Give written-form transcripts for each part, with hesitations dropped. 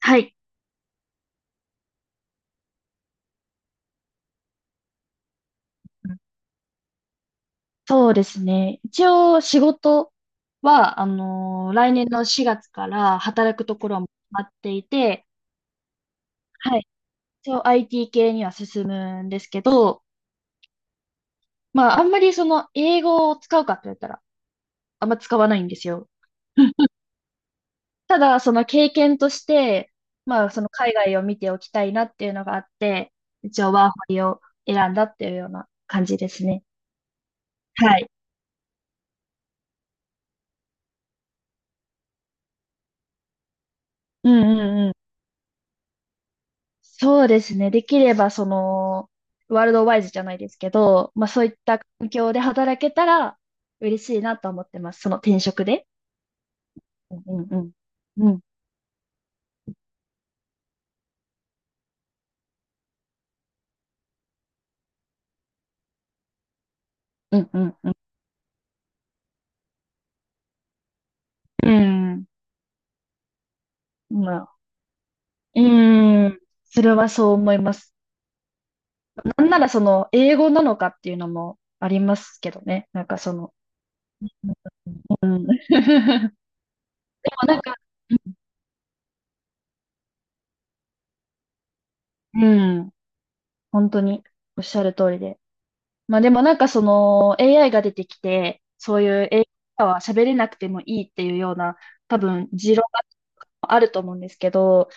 はい。うん。そうですね。一応仕事は、来年の4月から働くところはもう決まっていて、はい。一応 IT 系には進むんですけど、まあ、あんまりその英語を使うかって言ったら、あんま使わないんですよ。ただ、その経験として、まあ、その海外を見ておきたいなっていうのがあって、一応ワーホリを選んだっていうような感じですね。はい。うんうんうん。そうですね。できれば、その、ワールドワイズじゃないですけど、まあそういった環境で働けたら嬉しいなと思ってます。その転職で。うんうんうん。うんうんうんうん。うん。まあ、うん。それはそう思います。なんならその、英語なのかっていうのもありますけどね。なんかその、うん。でもなんか、うん。本当におっしゃる通りで。まあでもなんかその AI が出てきて、そういう AI は喋れなくてもいいっていうような多分持論があると思うんですけど、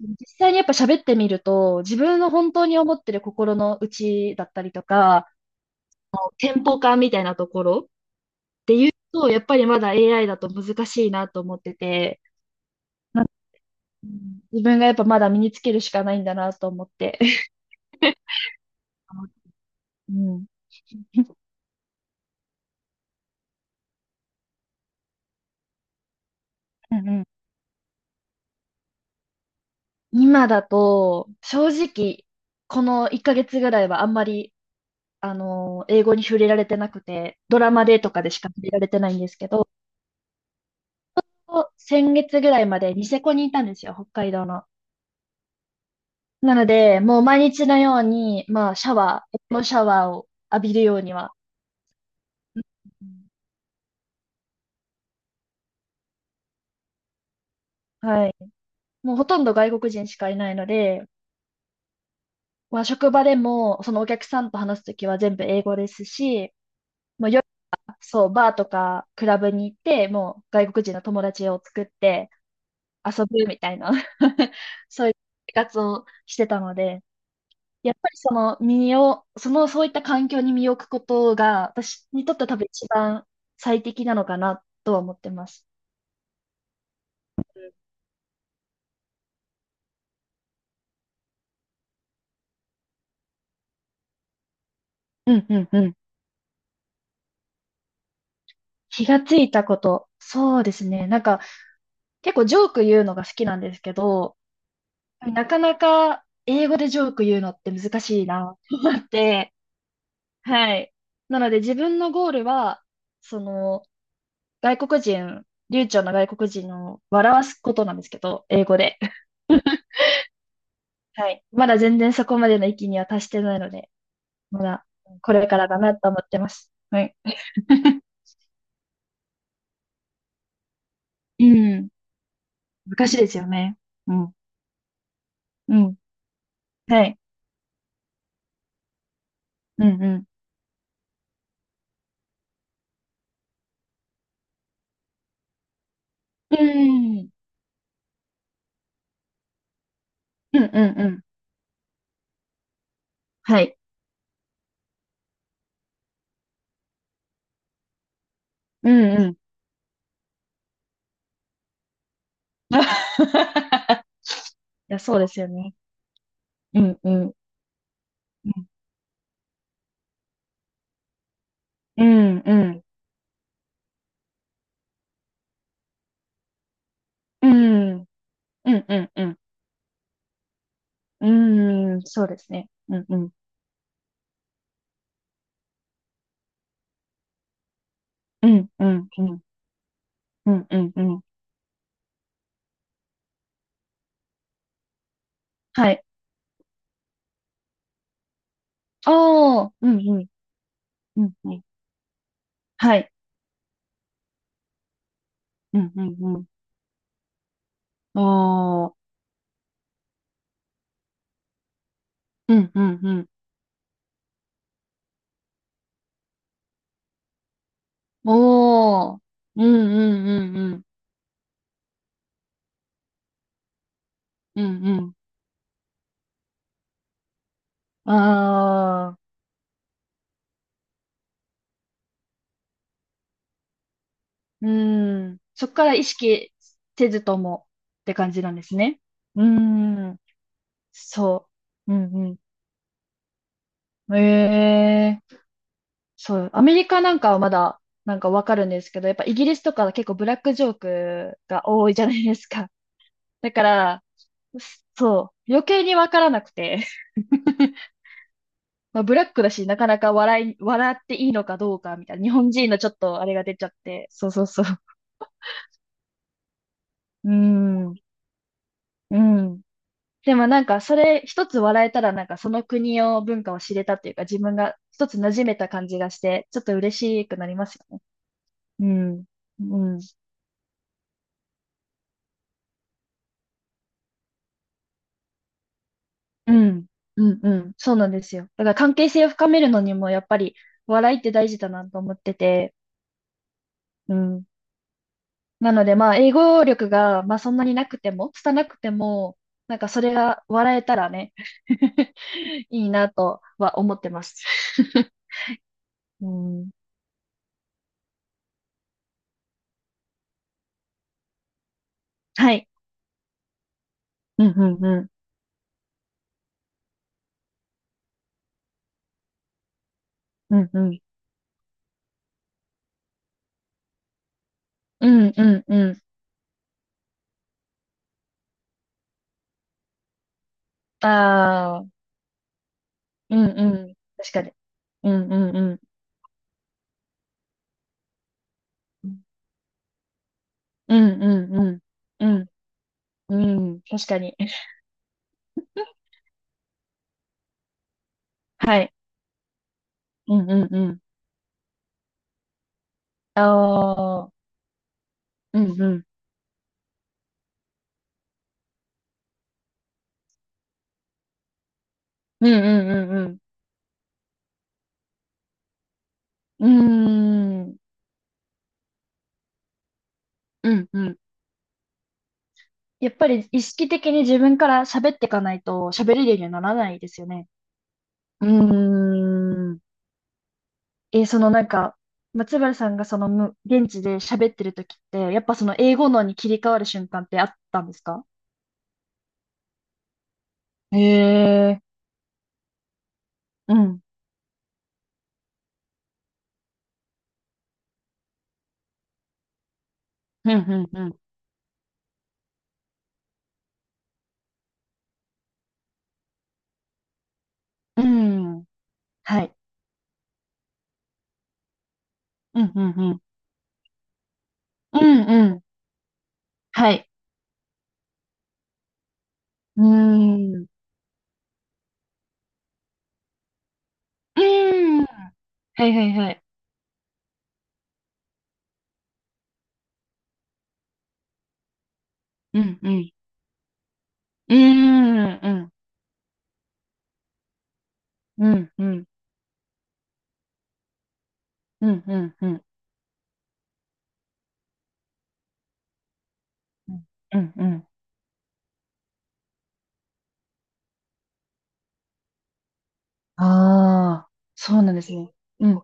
実際にやっぱ喋ってみると自分の本当に思ってる心の内だったりとか、テンポ感みたいなところっていうと、やっぱりまだ AI だと難しいなと思ってて、なんかうん自分がやっぱまだ身につけるしかないんだなと思って。うん。うんうん。今だと、正直、この1ヶ月ぐらいはあんまり、英語に触れられてなくて、ドラマでとかでしか触れられてないんですけど、先月ぐらいまでニセコにいたんですよ、北海道の。なので、もう毎日のように、まあ、シャワー、エプロンシャワーを浴びるようには。うん。はい。もうほとんど外国人しかいないので、まあ、職場でも、そのお客さんと話すときは全部英語ですし、まあ、そう、バーとかクラブに行って、もう外国人の友達を作って遊ぶみたいな そういう生活をしてたので、やっぱりその身を、その、そういった環境に身を置くことが、私にとっては多分一番最適なのかなとは思ってます。うんうんうん。気がついたこと。そうですね。なんか、結構ジョーク言うのが好きなんですけど、なかなか英語でジョーク言うのって難しいなって。はい。なので自分のゴールは、その、外国人、流暢な外国人を笑わすことなんですけど、英語で。はい。まだ全然そこまでの域には達してないので、まだこれからだなと思ってます。はい。うん。難しいですよね。うん。うん。はい。うんうん。うん。うんうんうん。はい。うんうん。いや、そうですよね。うんうん。うんうんうん。うんうんうんうん。うーん、そうですね。うんうん。うん、うん、うん、うん、うん、うん。はい。ああ、うん、うん、うん、うん。はい。うん、うん、うん。おあ、うん、うん、うん。おー。うん、うん、うん、うん、うんうん。ああ、うん。そっから意識せずともって感じなんですね。うん、そう。うん、うん。ええ。そう、アメリカなんかはまだなんかわかるんですけど、やっぱイギリスとかは結構ブラックジョークが多いじゃないですか。だから、そう、余計にわからなくて、まあ、ブラックだし、なかなか笑っていいのかどうかみたいな、日本人のちょっとあれが出ちゃって、そうそうそう。うん、うん。でもなんかそれ一つ笑えたらなんかその国を文化を知れたっていうか自分が一つ馴染めた感じがしてちょっと嬉しくなりますよね。うん。うん。うん。うんうん。そうなんですよ。だから関係性を深めるのにもやっぱり笑いって大事だなと思ってて。うん。なのでまあ英語力がまあそんなになくても、拙くても、なんかそれが笑えたらね、いいなとは思ってます。うん。はい。うんうんうん。うんうん。うんうんうん。ああ、うんうん。確かに。うんうんうん。うんうんうん。うんうん。確かに。はい。うんうんうん。ああ、うんうん。うんうんうんうん。うーん。うんうん。やっぱり意識的に自分から喋っていかないと喋れるようにはならないですよね。うーん。そのなんか、松原さんがその現地で喋ってる時って、やっぱその英語のに切り替わる瞬間ってあったんですか？へえ。うん。うんうんうん。うん。はい。うんうんうん。うんうん。はい。うーん。うーん。はいはいはい。うん、うん。うん、うん、うん、うん、うん、うん、うん、うん、うん。ああ、そうなんですね。うん。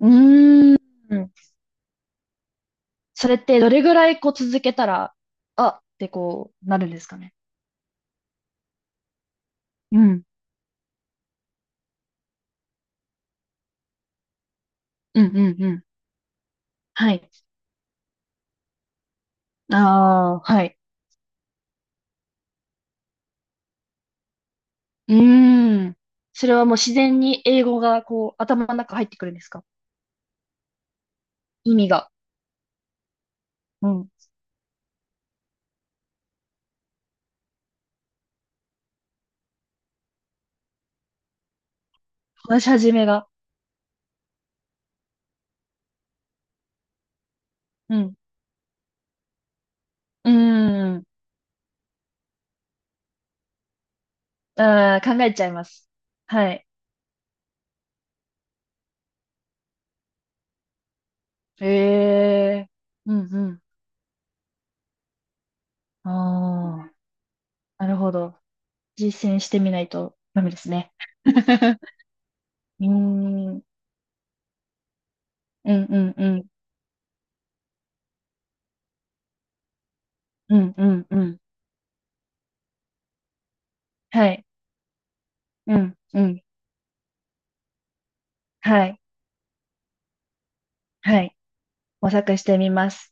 うーん。それってどれぐらいこう続けたら、あってこうなるんですかね？うん。うん、うん、うん。はい。ああ、はい。うーん。それはもう自然に英語がこう頭の中入ってくるんですか？意味が。うん。話し始めが。うん。うーん。ああ、考えちゃいます。はい。ええ。うんうん。ああ、なるほど。実践してみないとダメですね。うーん、うんうんうん、うんうんうん。はい、うんうん、はい、はい。模索してみます。